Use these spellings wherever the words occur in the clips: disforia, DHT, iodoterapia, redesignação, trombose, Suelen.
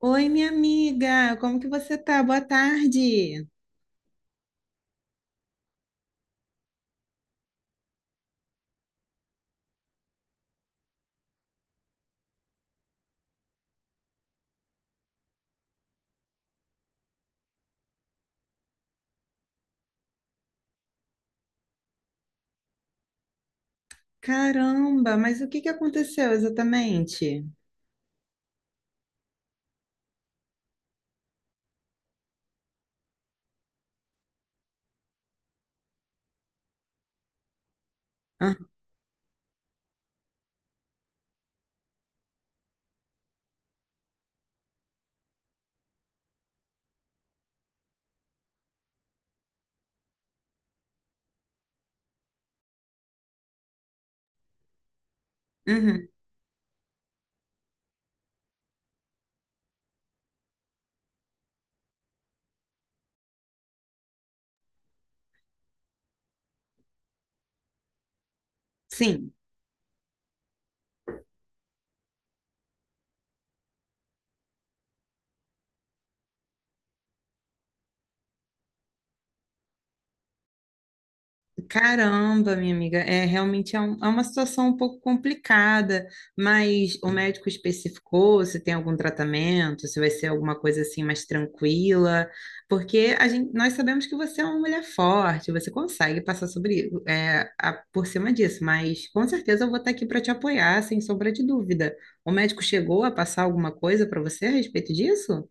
Oi, minha amiga, como que você tá? Boa tarde. Caramba, mas o que que aconteceu exatamente? Ah, uhum, sim. Caramba, minha amiga, é realmente é uma situação um pouco complicada, mas o médico especificou se tem algum tratamento, se vai ser alguma coisa assim mais tranquila, porque a gente, nós sabemos que você é uma mulher forte, você consegue passar sobre, por cima disso, mas com certeza eu vou estar aqui para te apoiar, sem sombra de dúvida. O médico chegou a passar alguma coisa para você a respeito disso?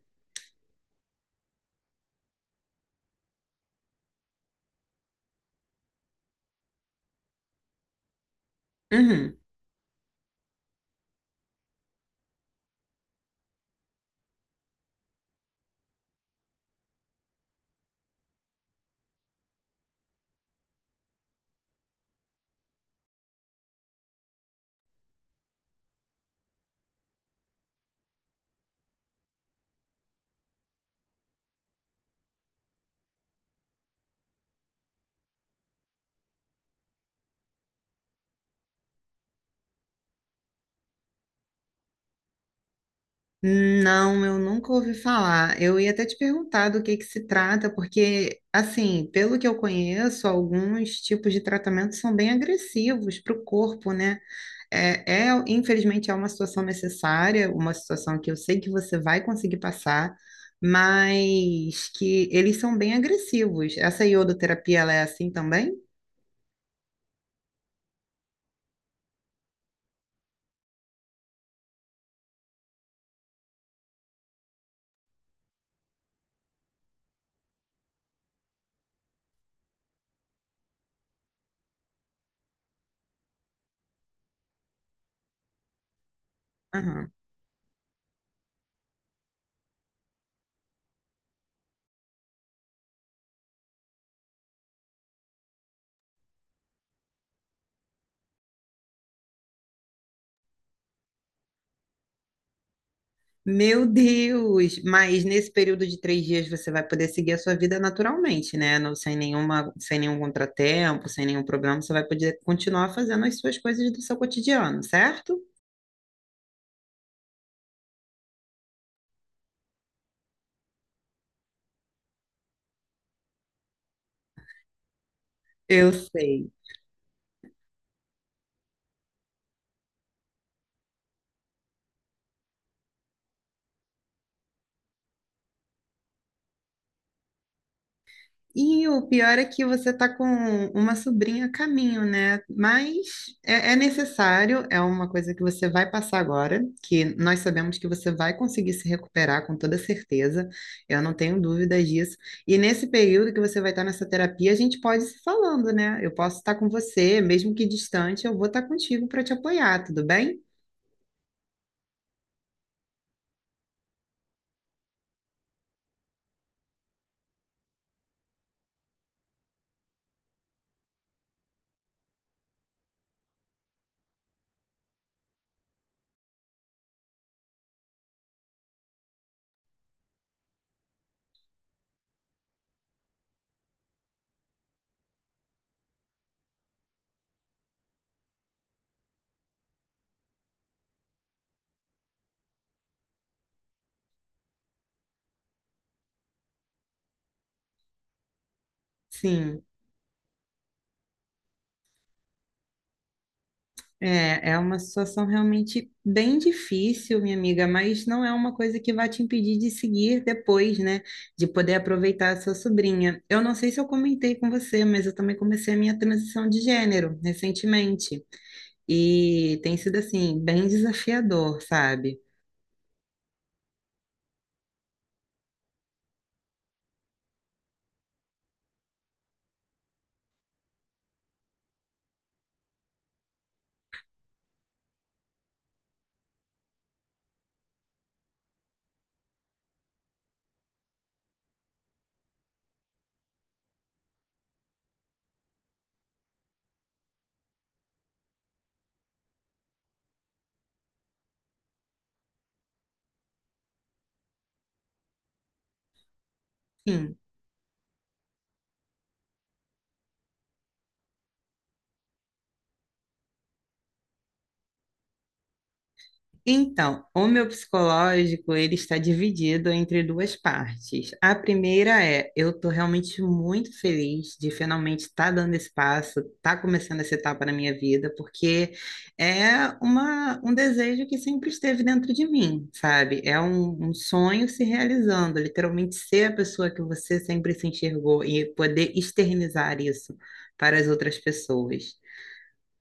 Uhum. Não, eu nunca ouvi falar. Eu ia até te perguntar do que se trata, porque, assim, pelo que eu conheço, alguns tipos de tratamento são bem agressivos para o corpo, né? É, é, infelizmente, é uma situação necessária, uma situação que eu sei que você vai conseguir passar, mas que eles são bem agressivos. Essa iodoterapia, ela é assim também? Aham. Meu Deus! Mas nesse período de 3 dias você vai poder seguir a sua vida naturalmente, né? Não, sem nenhuma, sem nenhum contratempo, sem nenhum problema, você vai poder continuar fazendo as suas coisas do seu cotidiano, certo? Eu sei. E o pior é que você está com uma sobrinha a caminho, né? Mas é, é necessário, é uma coisa que você vai passar agora, que nós sabemos que você vai conseguir se recuperar com toda certeza, eu não tenho dúvidas disso. E nesse período que você vai estar nessa terapia, a gente pode ir se falando, né? Eu posso estar com você, mesmo que distante, eu vou estar contigo para te apoiar, tudo bem? Sim. É, é uma situação realmente bem difícil, minha amiga, mas não é uma coisa que vai te impedir de seguir depois, né? De poder aproveitar a sua sobrinha. Eu não sei se eu comentei com você, mas eu também comecei a minha transição de gênero recentemente. E tem sido, assim, bem desafiador, sabe? Sim. Então, o meu psicológico, ele está dividido entre duas partes. A primeira é, eu estou realmente muito feliz de finalmente estar dando esse passo, estar começando essa etapa na minha vida, porque é um desejo que sempre esteve dentro de mim, sabe? É um sonho se realizando, literalmente ser a pessoa que você sempre se enxergou e poder externizar isso para as outras pessoas.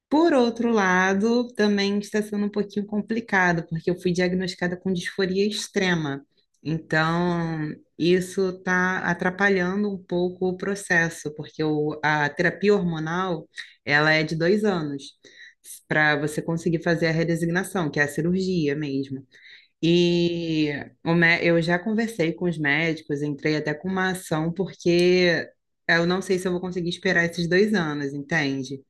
Por outro lado, também está sendo um pouquinho complicado, porque eu fui diagnosticada com disforia extrema. Então, isso está atrapalhando um pouco o processo, porque a terapia hormonal, ela é de 2 anos, para você conseguir fazer a redesignação, que é a cirurgia mesmo. E eu já conversei com os médicos, entrei até com uma ação, porque eu não sei se eu vou conseguir esperar esses 2 anos, entende?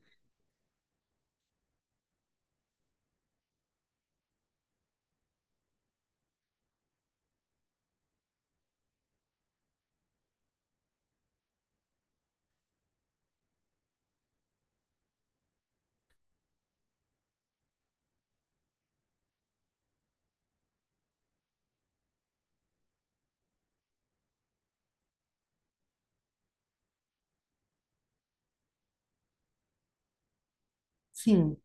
Sim.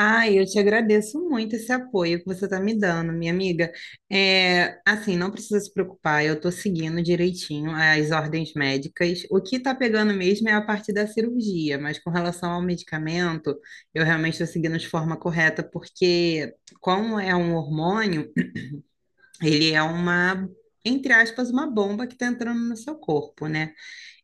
Ah, eu te agradeço muito esse apoio que você está me dando, minha amiga. É, assim, não precisa se preocupar, eu estou seguindo direitinho as ordens médicas. O que está pegando mesmo é a parte da cirurgia, mas com relação ao medicamento, eu realmente estou seguindo de forma correta, porque como é um hormônio, ele é uma, entre aspas, uma bomba que está entrando no seu corpo, né?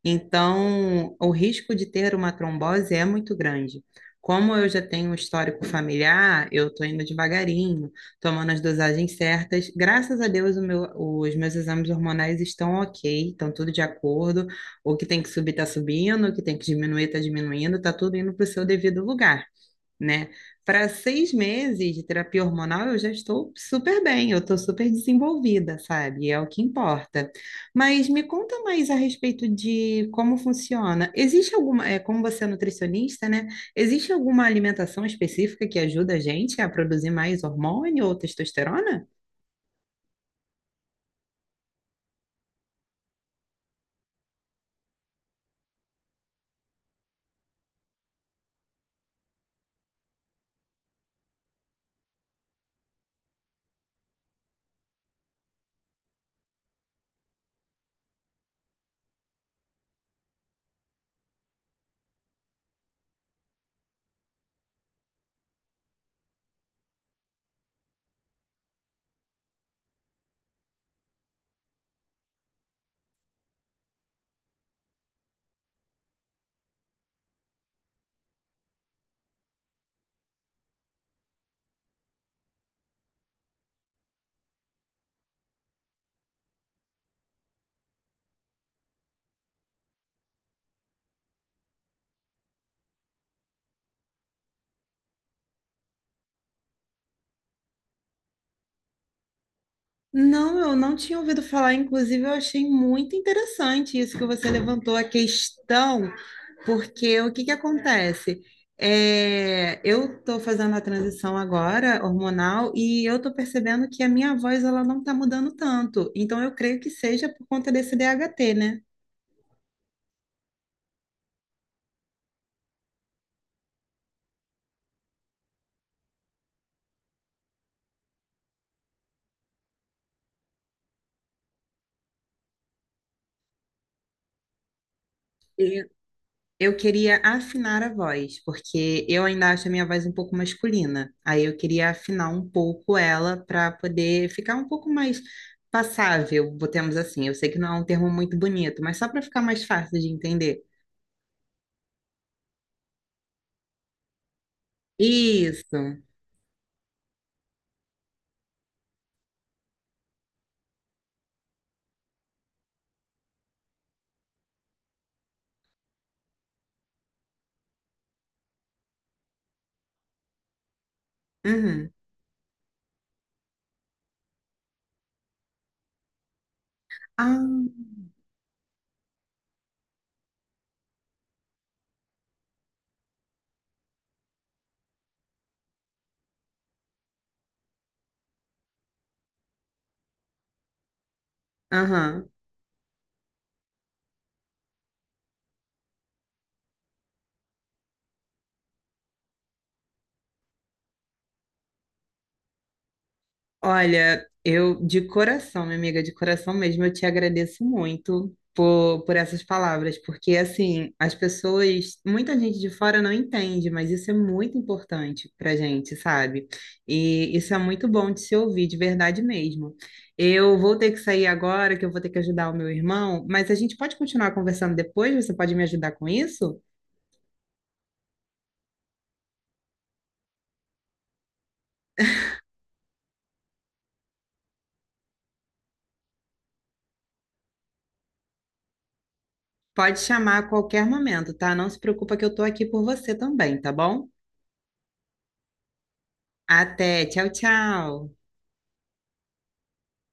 Então, o risco de ter uma trombose é muito grande. Como eu já tenho um histórico familiar, eu estou indo devagarinho, tomando as dosagens certas. Graças a Deus, os meus exames hormonais estão ok, estão tudo de acordo. O que tem que subir está subindo, o que tem que diminuir está diminuindo, está tudo indo para o seu devido lugar, né? Para 6 meses de terapia hormonal, eu já estou super bem, eu estou super desenvolvida, sabe? É o que importa. Mas me conta mais a respeito de como funciona. Existe alguma, é, como você é nutricionista, né? Existe alguma alimentação específica que ajuda a gente a produzir mais hormônio ou testosterona? Não, eu não tinha ouvido falar. Inclusive, eu achei muito interessante isso que você levantou a questão, porque o que que acontece? É, eu estou fazendo a transição agora hormonal e eu estou percebendo que a minha voz ela não está mudando tanto. Então, eu creio que seja por conta desse DHT, né? Eu queria afinar a voz, porque eu ainda acho a minha voz um pouco masculina. Aí eu queria afinar um pouco ela para poder ficar um pouco mais passável, botemos assim. Eu sei que não é um termo muito bonito, mas só para ficar mais fácil de entender. Isso. Uhum. Ah, aham. Olha, eu de coração, minha amiga, de coração mesmo, eu te agradeço muito por essas palavras, porque assim, as pessoas, muita gente de fora não entende, mas isso é muito importante pra gente, sabe? E isso é muito bom de se ouvir, de verdade mesmo. Eu vou ter que sair agora, que eu vou ter que ajudar o meu irmão, mas a gente pode continuar conversando depois? Você pode me ajudar com isso? Pode chamar a qualquer momento, tá? Não se preocupa que eu tô aqui por você também, tá bom? Até, tchau, tchau.